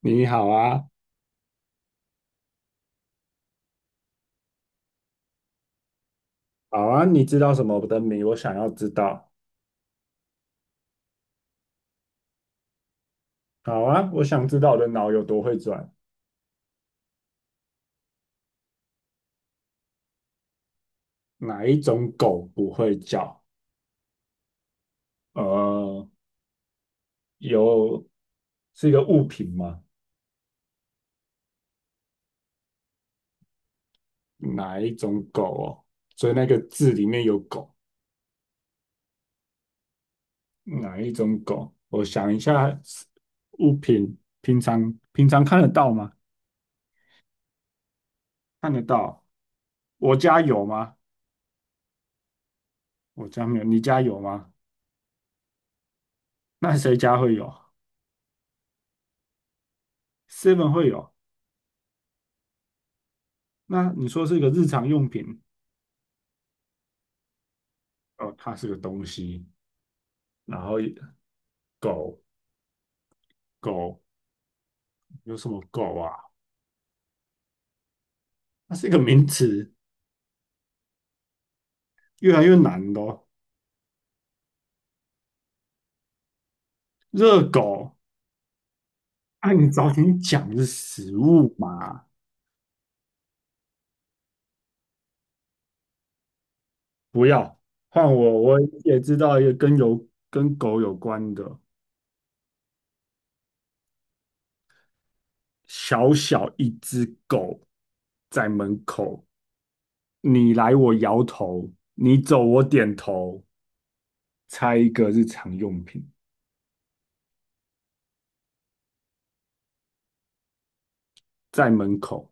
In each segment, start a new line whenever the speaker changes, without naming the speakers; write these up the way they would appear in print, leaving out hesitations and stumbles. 你好啊，好啊，你知道什么的谜？我想要知道。好啊，我想知道我的脑有多会转。哪一种狗不会叫？呃，有，是一个物品吗？哪一种狗哦？所以那个字里面有狗，哪一种狗？我想一下，物品平常看得到吗？看得到。我家有吗？我家没有，你家有吗？那谁家会有？Seven 会有。那你说是一个日常用品，哦，它是个东西，然后狗狗有什么狗啊？它是一个名词，越来越难的哦。热狗，啊，你早点讲是食物嘛，不要换我，我也知道一个跟有跟狗有关的，小小一只狗在门口，你来我摇头，你走我点头，猜一个日常用品。在门口，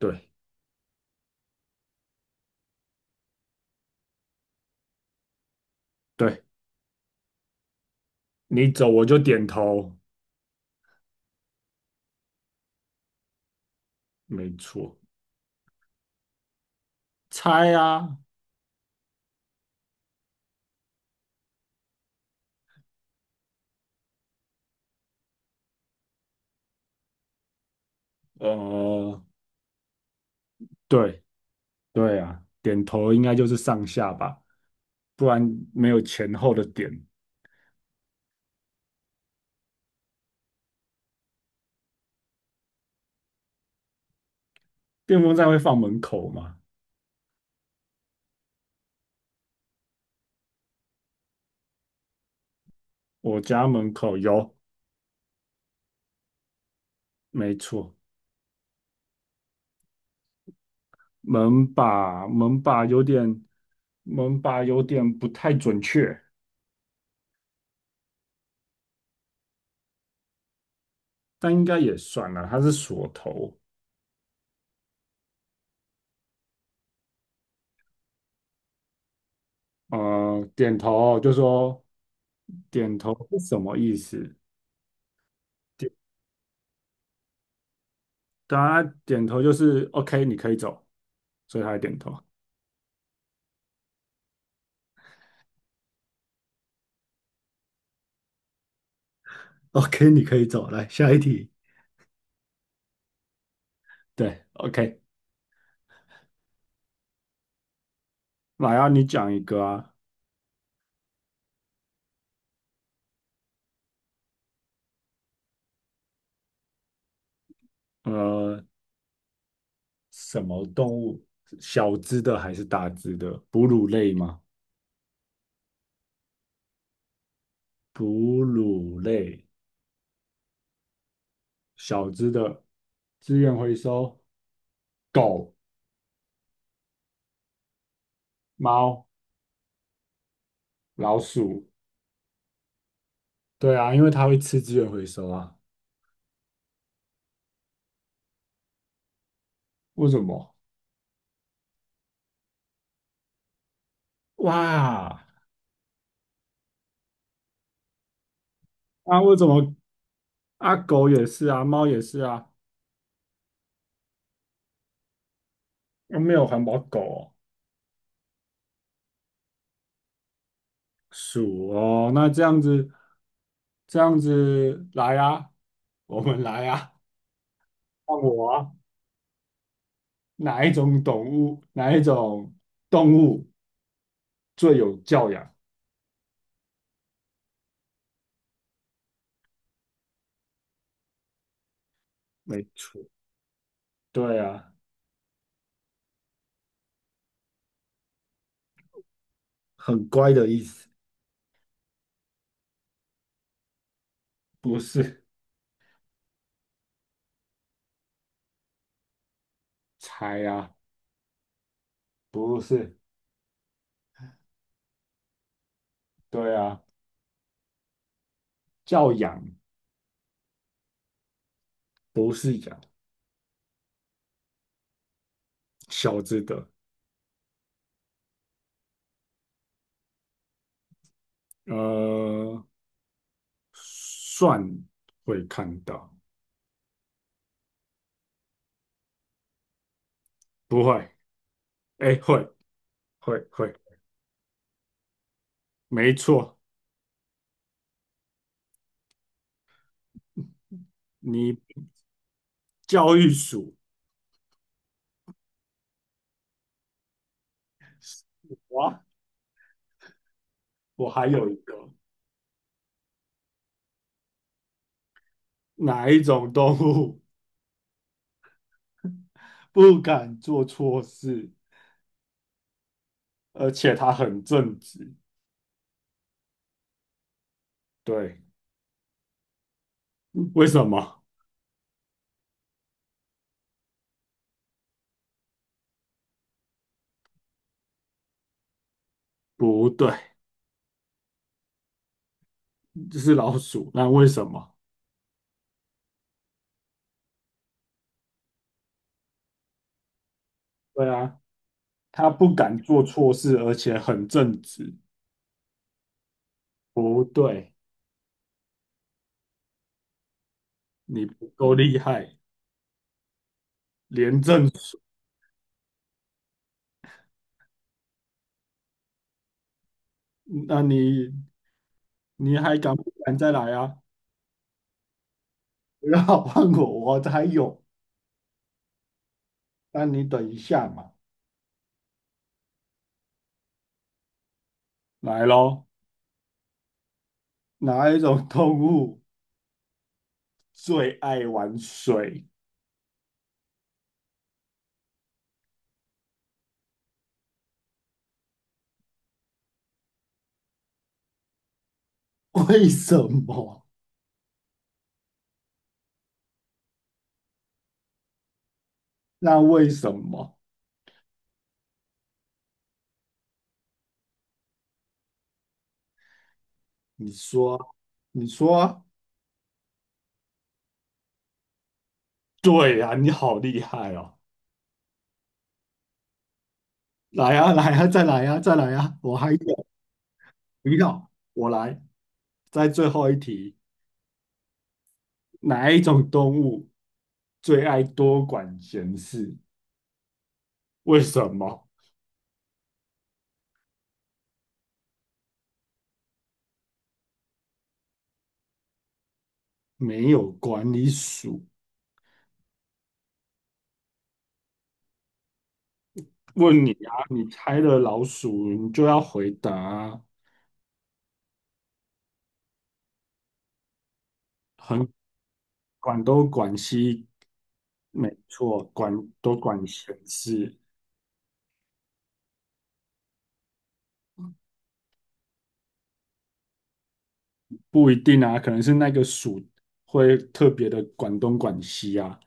对。对你走我就点头，没错。猜啊，呃，对。对啊，点头应该就是上下吧，不然没有前后的点。电风扇会放门口吗？我家门口有，没错。门把有点，门把有点不太准确，但应该也算了，它是锁头。点头就说，点头是什么意思？对啊，他点头就是 OK，你可以走，所以他还点头。OK，你可以走，来下一题。对，OK。来啊，你讲一个啊，呃，什么动物？小只的还是大只的？哺乳类吗？哺乳类，小只的，资源回收，狗、猫、老鼠。对啊，因为它会吃资源回收啊。为什么？哇，啊，为什么？啊，狗也是啊，猫也是啊，又没有环保狗哦。鼠哦，那这样子，这样子来啊，我们来啊，看我啊，哪一种动物，哪一种动物最有教养？没错，对啊，很乖的意思。不是，猜啊，不是，对啊，教养不是养。小只的，呃，算会看到，不会，哎，会会，没错，你。教育鼠。哇，我还有一个，哪一种动物 不敢做错事，而且它很正直？对，为什么？不对，这是老鼠。那为什么？对啊，它不敢做错事，而且很正直。不对，你不够厉害，廉政署。那你你还敢不敢再来啊？不要换我，我还有。那你等一下嘛，来喽。哪一种动物最爱玩水？为什么？那为什么？你说啊。你说啊。对呀、啊，你好厉害哦！来呀、啊来呀、啊再来呀、再来呀、我还有，不要，我来。在最后一题，哪一种动物最爱多管闲事？为什么？没有管理鼠。问你啊，你猜了老鼠，你就要回答啊。很管东管西，没错，管多管闲事。不一定啊，可能是那个属会特别的管东管西啊，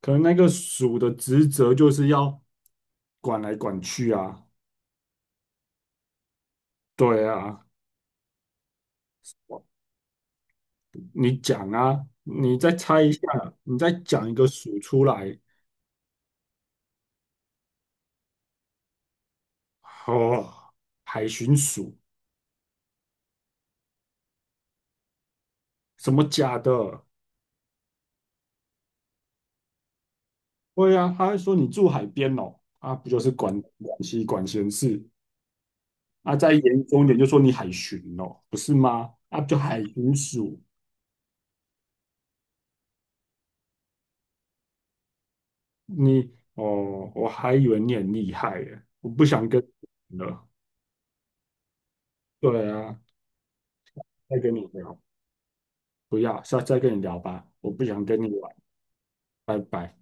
可能那个属的职责就是要管来管去啊。对啊，你讲啊，你再猜一下，你再讲一个属出来，哦，海巡署。什么假的？对啊，他还说你住海边哦，啊，不就是管管西管闲事啊？再严重一点就说你海巡哦，不是吗？啊，不就海巡署。你哦，我还以为你很厉害耶，我不想跟你了。对啊，再跟你聊，不要，下次再跟你聊吧，我不想跟你玩，拜拜。